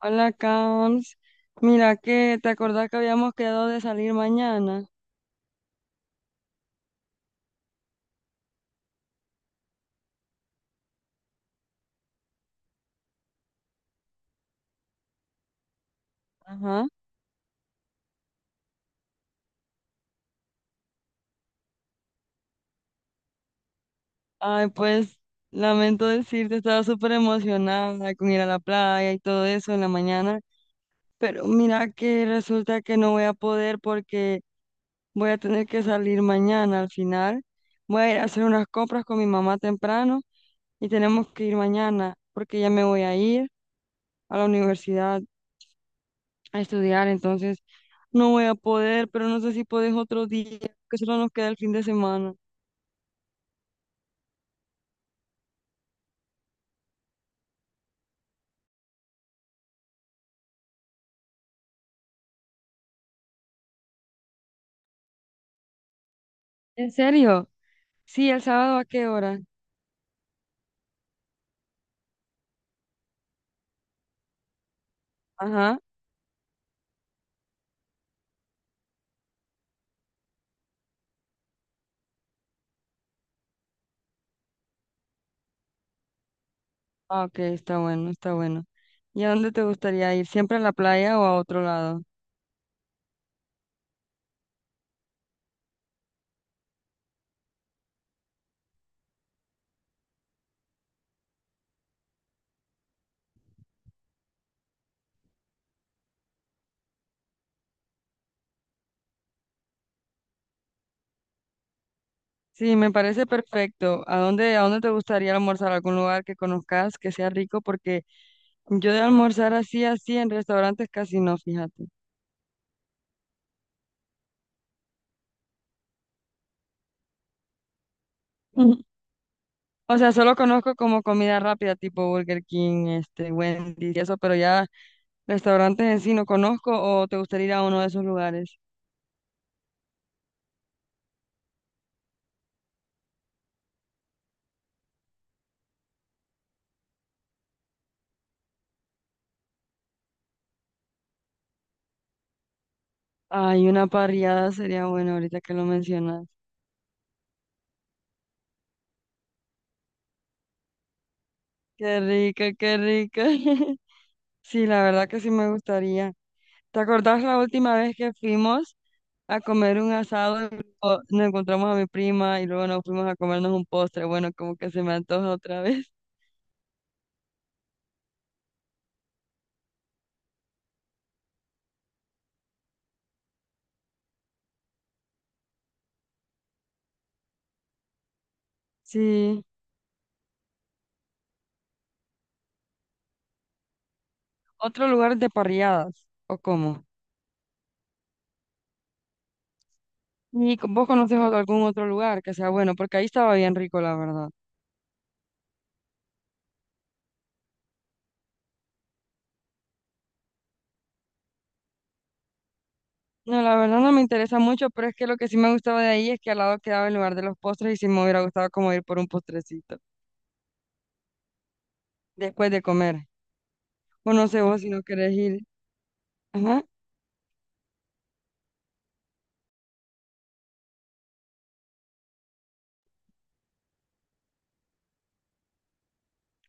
Hola, Cams. Mira que te acordás que habíamos quedado de salir mañana. Ajá. Ay, pues lamento decirte, estaba súper emocionada con ir a la playa y todo eso en la mañana, pero mira que resulta que no voy a poder porque voy a tener que salir mañana al final. Voy a ir a hacer unas compras con mi mamá temprano y tenemos que ir mañana porque ya me voy a ir a la universidad, a estudiar, entonces no voy a poder, pero no sé si podés otro día, que solo nos queda el fin de semana. ¿En serio? Sí, el sábado, ¿a qué hora? Ajá. Ah, ok, está bueno, está bueno. ¿Y a dónde te gustaría ir? ¿Siempre a la playa o a otro lado? Sí, me parece perfecto. A dónde te gustaría almorzar? ¿Algún lugar que conozcas que sea rico? Porque yo de almorzar así, así en restaurantes casi no, fíjate. O sea, solo conozco como comida rápida, tipo Burger King, este, Wendy's y eso, pero ya restaurantes en sí no conozco, o te gustaría ir a uno de esos lugares. Ay, una parrillada sería bueno ahorita que lo mencionas. Qué rico, qué rico. Sí, la verdad que sí me gustaría. ¿Te acordás la última vez que fuimos a comer un asado y luego nos encontramos a mi prima y luego nos fuimos a comernos un postre? Bueno, como que se me antoja otra vez. Sí. ¿Otro lugar de parrilladas o cómo? ¿Y co- vos conoces algún otro lugar que sea bueno? Porque ahí estaba bien rico, la verdad. No, la verdad no me interesa mucho, pero es que lo que sí me gustaba de ahí es que al lado quedaba el lugar de los postres y sí me hubiera gustado como ir por un postrecito después de comer. O no sé vos si no querés ir. Ajá,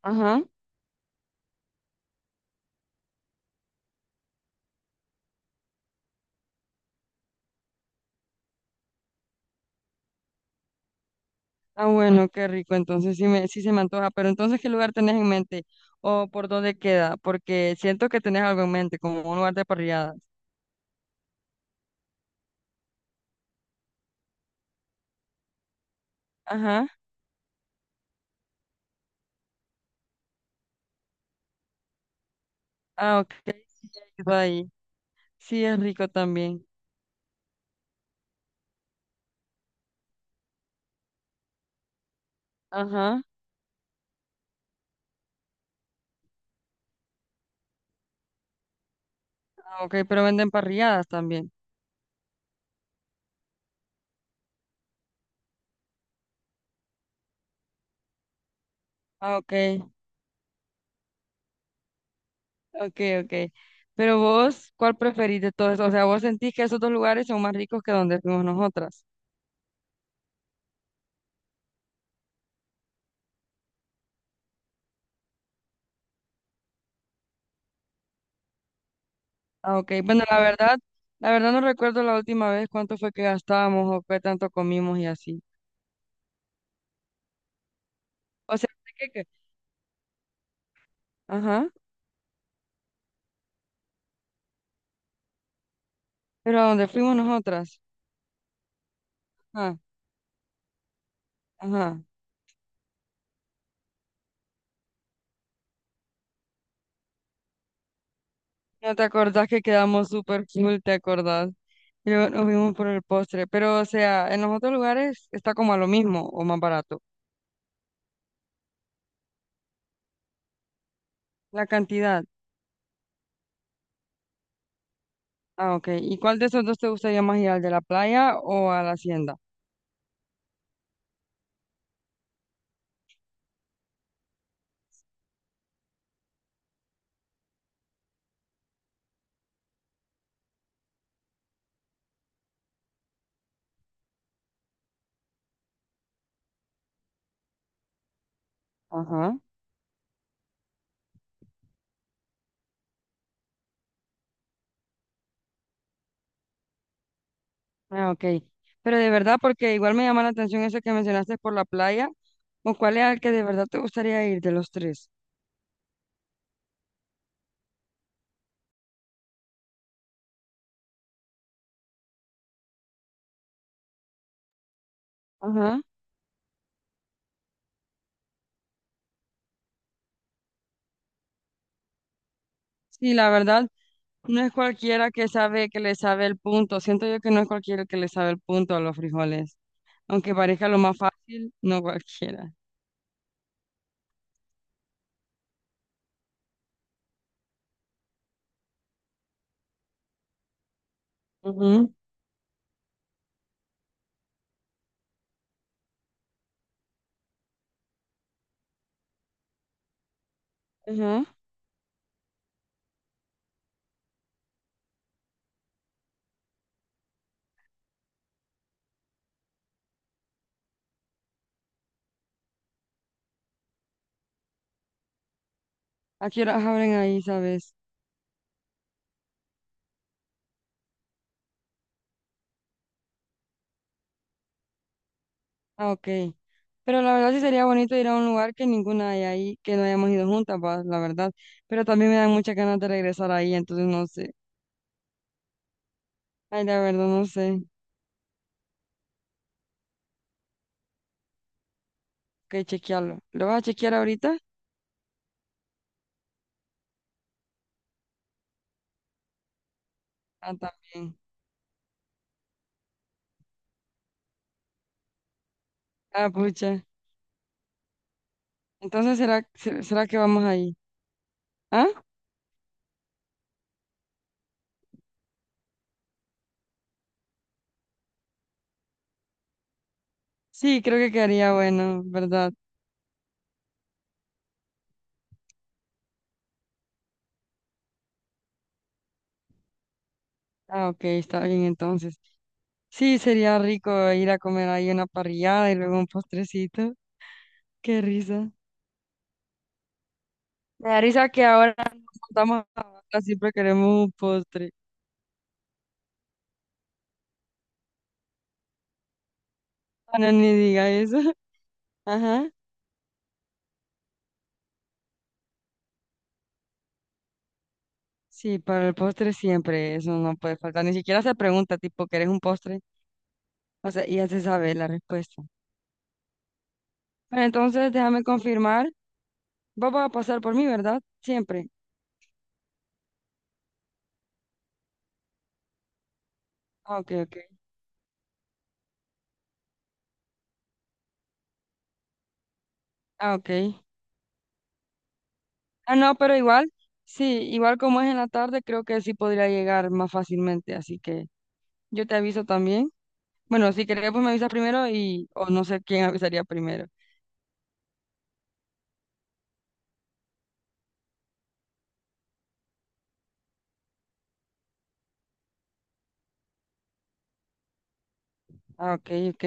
ajá. Ah, bueno, qué rico. Entonces sí me, sí se me antoja. Pero entonces, ¿qué lugar tenés en mente? ¿O por dónde queda? Porque siento que tenés algo en mente, como un lugar de parrilladas. Ajá. Ah, ok. Sí, ya he ido ahí. Sí, es rico también. Ajá. Ah, ok, pero venden parrilladas también. Ah, ok. Ok, ok. Pero vos, ¿cuál preferís de todos esos? O sea, ¿vos sentís que esos dos lugares son más ricos que donde fuimos nosotras? Ah, ok. Bueno, la verdad no recuerdo la última vez cuánto fue que gastábamos o qué tanto comimos y así. O sea, sé que- ajá, pero a dónde fuimos nosotras. Ajá, ajá. ¿No te acordás que quedamos súper full, te acordás? Y luego nos vimos por el postre. Pero, o sea, en los otros lugares está como a lo mismo o más barato. La cantidad. Ah, ok. ¿Y cuál de esos dos te gustaría más ir, al de la playa o a la hacienda? Ajá. Ah, ok. Pero de verdad, porque igual me llama la atención eso que mencionaste por la playa, ¿o cuál es el que de verdad te gustaría ir de los tres? Ajá. Sí, la verdad, no es cualquiera que sabe que le sabe el punto. Siento yo que no es cualquiera que le sabe el punto a los frijoles. Aunque parezca lo más fácil, no cualquiera. Ujú. Ajá. ¿A qué horas abren ahí, sabes? Ah, ok. Pero la verdad sí sería bonito ir a un lugar que ninguna hay ahí, que no hayamos ido juntas, va, la verdad. Pero también me dan muchas ganas de regresar ahí, entonces no sé. Ay, la verdad no sé. Ok, chequearlo. ¿Lo vas a chequear ahorita? Ah, también. Ah, pucha. Entonces, ¿será, se- será que vamos ahí? ¿Ah? Sí, creo que quedaría bueno, ¿verdad? Ah, ok, está bien entonces. Sí, sería rico ir a comer ahí una parrillada y luego un postrecito. Qué risa. Me da risa que ahora nos juntamos a hablar, siempre queremos un postre. Bueno, ni diga eso. Ajá. Sí, para el postre siempre, eso no puede faltar. Ni siquiera se pregunta, tipo, ¿querés un postre? O sea, ya se sabe la respuesta. Bueno, entonces déjame confirmar. Vos vas a pasar por mí, ¿verdad? Siempre. Ah, ok, ok. Ah, ok. Ah, no, pero igual, sí, igual como es en la tarde, creo que sí podría llegar más fácilmente. Así que yo te aviso también. Bueno, si querés, pues me avisas primero y, o no sé quién avisaría primero. Ah, ok, ok.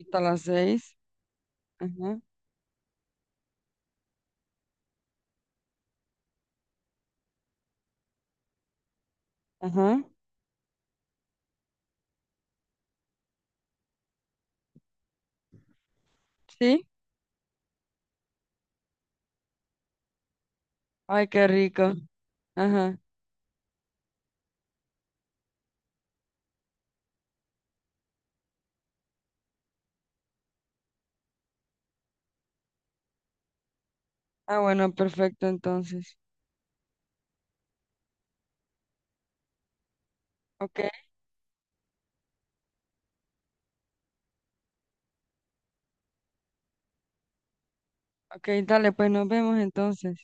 Hasta las 6. Ajá, ajá. Sí. Ay, qué rico. Ajá. Ah, bueno, perfecto entonces. Ok, ok, dale, pues nos vemos entonces.